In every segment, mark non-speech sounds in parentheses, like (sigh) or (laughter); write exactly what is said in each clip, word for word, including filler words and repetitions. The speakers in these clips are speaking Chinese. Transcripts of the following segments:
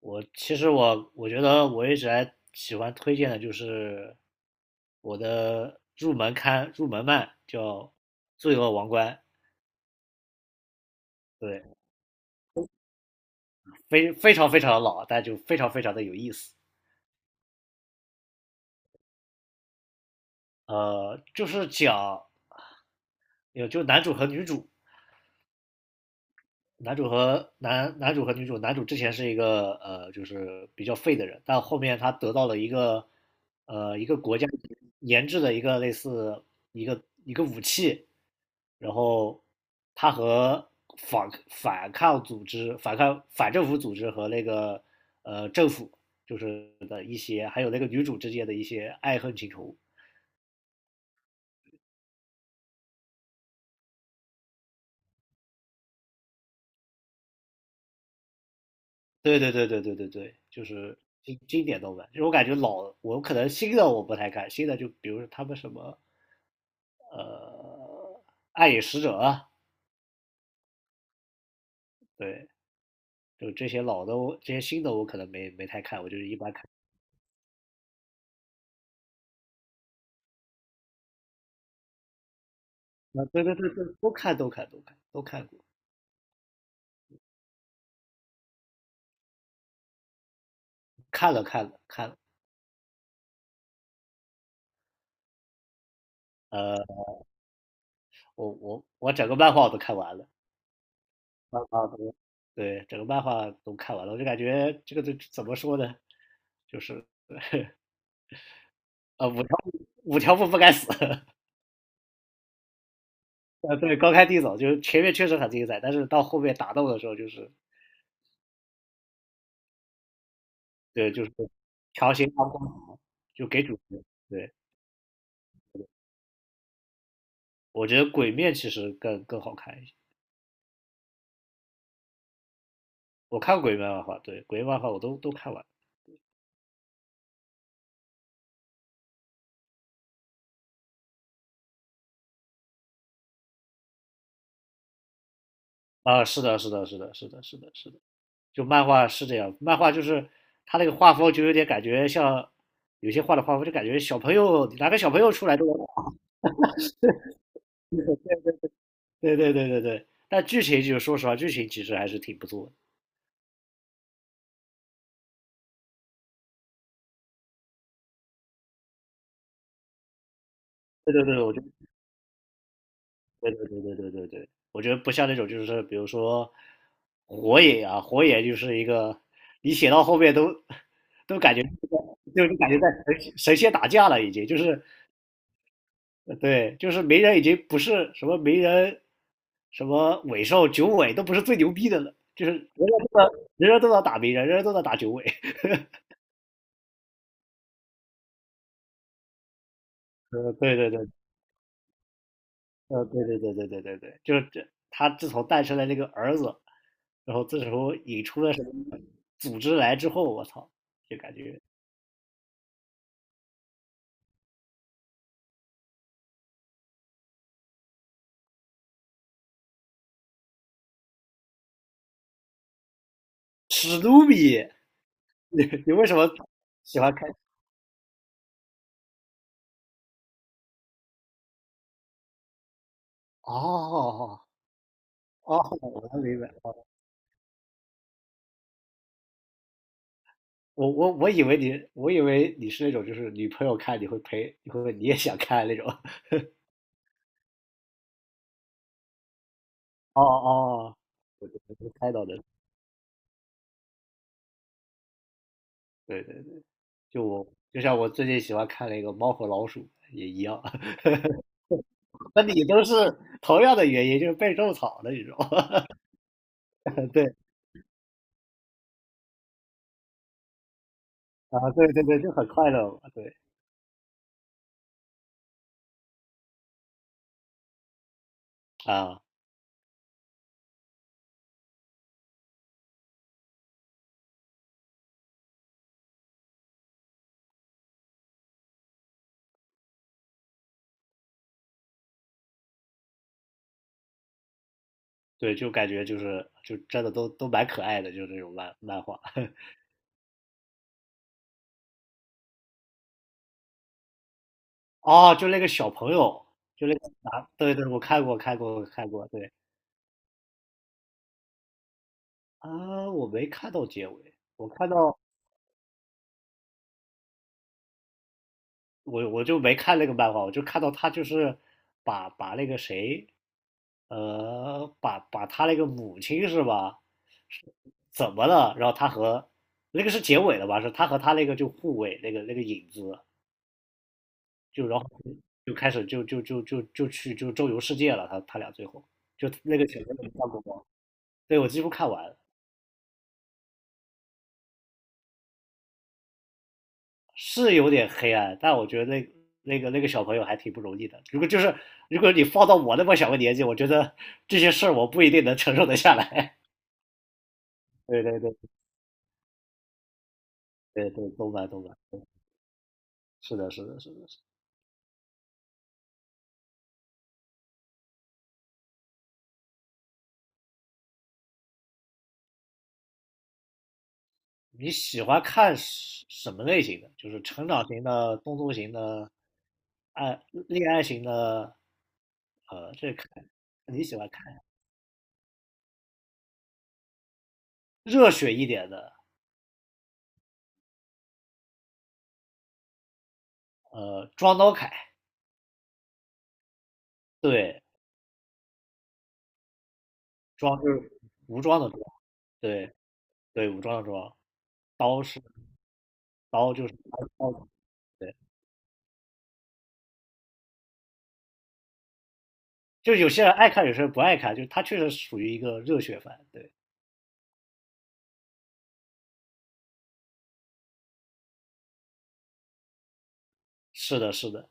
我其实我我觉得我一直还喜欢推荐的就是我的入门刊入门漫叫《罪恶王冠》，对，非非常非常的老，但就非常非常的有意思。呃，就是讲有就男主和女主，男主和男男主和女主，男主之前是一个呃，就是比较废的人，但后面他得到了一个呃一个国家研制的一个类似一个一个武器，然后他和反反抗组织、反抗反政府组织和那个呃政府就是的一些，还有那个女主之间的一些爱恨情仇，对对对对对对对，就是经经典动漫。就是我感觉老，我可能新的我不太看，新的就比如说他们什么，呃，暗影使者啊，对，就这些老的我，这些新的我可能没没太看，我就是一般看。啊，对对对对，都看都看都看都看过，看了看了看了。呃，我我我整个漫画我都看完了，漫画都对，整个漫画都看完了，我就感觉这个这怎么说呢，就是 (laughs) 呃五条悟五条悟不该死。(laughs) 呃，对，高开低走，就是前面确实很精彩，但是到后面打斗的时候，就是对，就是强行拉光，就给主角。对，我觉得鬼面其实更更好看一些。我看过鬼面漫画，对，鬼面漫画我都都看完了啊，是的，是的，是的，是的，是的，是的，就漫画是这样，漫画就是他那个画风就有点感觉像有些画的画风就感觉小朋友哪个小朋友出来都能画对对对对对，但剧情就是说实话，剧情其实还是挺不错的。对对对，我觉得。对对对对对对对，我觉得不像那种就是比如说火野啊，火野就是一个你写到后面都都感觉就是感觉在神仙神仙打架了，已经就是对，就是鸣人已经不是什么鸣人什么尾兽九尾都不是最牛逼的了，就是人人都在人人都在打鸣人，人人都在打九尾，(laughs) 呃，对对对呃，对对对对对对对，就是这，他自从诞生了这个儿子，然后这时候引出了什么组织来之后，我操，就感觉史努比，(laughs) 你你为什么喜欢看？哦哦，哦我能明白哦我我我以为你，我以为你是那种就是女朋友看你会陪，你会你也想看那种。(laughs) 哦哦，我我能猜到的，对对对，就我就像我最近喜欢看那个《猫和老鼠》也一样。那你都是同样的原因，就是被种草的你知道吗？(laughs) 对啊，对对对，就很快乐嘛，对啊，对，就感觉就是就真的都都蛮可爱的，就这种漫漫画。(laughs) 哦，就那个小朋友，就那个男，对对，我看过看过看过，对啊，我没看到结尾，我看到我我就没看那个漫画，我就看到他就是把把那个谁，呃，把把他那个母亲是吧？怎么了？然后他和那个是结尾了吧？是他和他那个就护卫那个那个影子，就然后就开始就就就就就去就周游世界了。他他俩最后就那个前面你看过吗？对，我几乎看完。是有点黑暗，但我觉得那那个那个小朋友还挺不容易的。如果就是如果你放到我那么小个年纪，我觉得这些事儿我不一定能承受得下来。(laughs) 对对对对对，动漫动漫，对是的是的是的是的你喜欢看什什么类型的？就是成长型的、动作型的、爱恋爱型的，呃，这看你喜欢看热血一点的，呃，装刀凯，对，装就是武装的装，对对，武装的装。刀是刀，就是刀刀对，就有些人爱看，有些人不爱看，就是他确实属于一个热血番。对，是的，是的。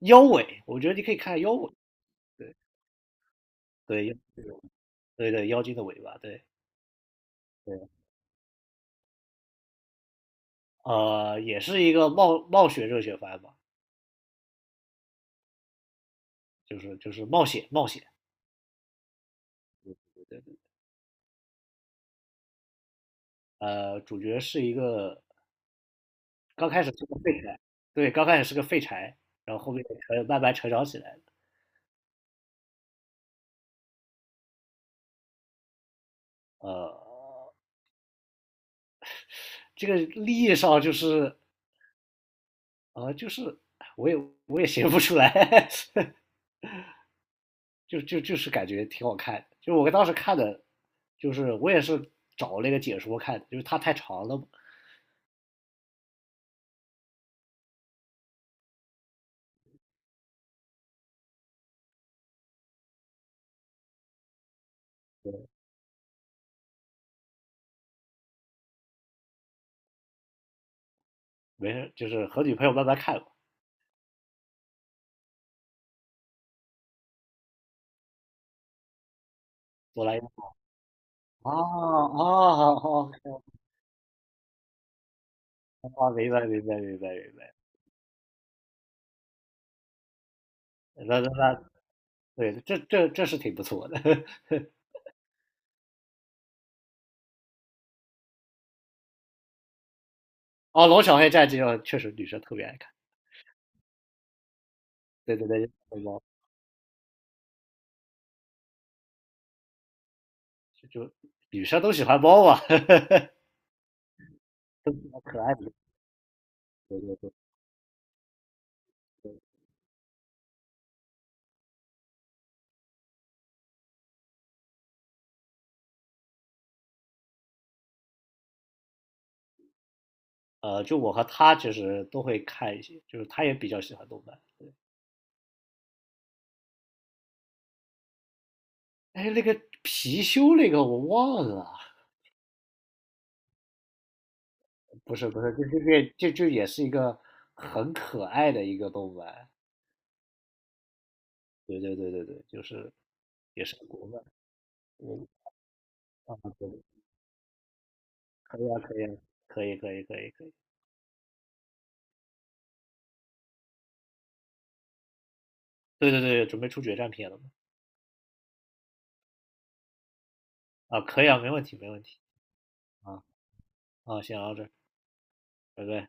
妖尾，我觉得你可以看妖尾。对对妖对对妖精的尾巴。对对，呃，也是一个冒冒险热血番吧，就是就是冒险冒险。对对，呃，主角是一个刚开始是个废柴，对，刚开始是个废柴，然后后面成慢慢成长起来的。呃，这个利益上就是啊，就是我也我也写不出来，(laughs) 就就就是感觉挺好看的。就是我当时看的，就是我也是找那个解说看的，就是它太长了，没事，就是和女朋友慢慢看吧。哆啦 A 梦啊啊好，啊！明白明白明白明白，那那那对，这这这是挺不错的。(laughs) 哦，龙小黑战记哦，确实女生特别爱看。对对对，猫就就女生都喜欢猫嘛，(laughs) 都喜欢可爱的。对对对。呃，就我和他其实都会看一些，就是他也比较喜欢动漫。哎，那个貔貅那个我忘了，不是不是，就这这这这也是一个很可爱的一个动漫。对对对对对，就是也是个国漫。我啊，对，可以啊，可以啊，可以可以可以可以。对对对，准备出决战篇了嘛？啊，可以啊，没问题没问题啊啊，先聊到这儿，拜拜。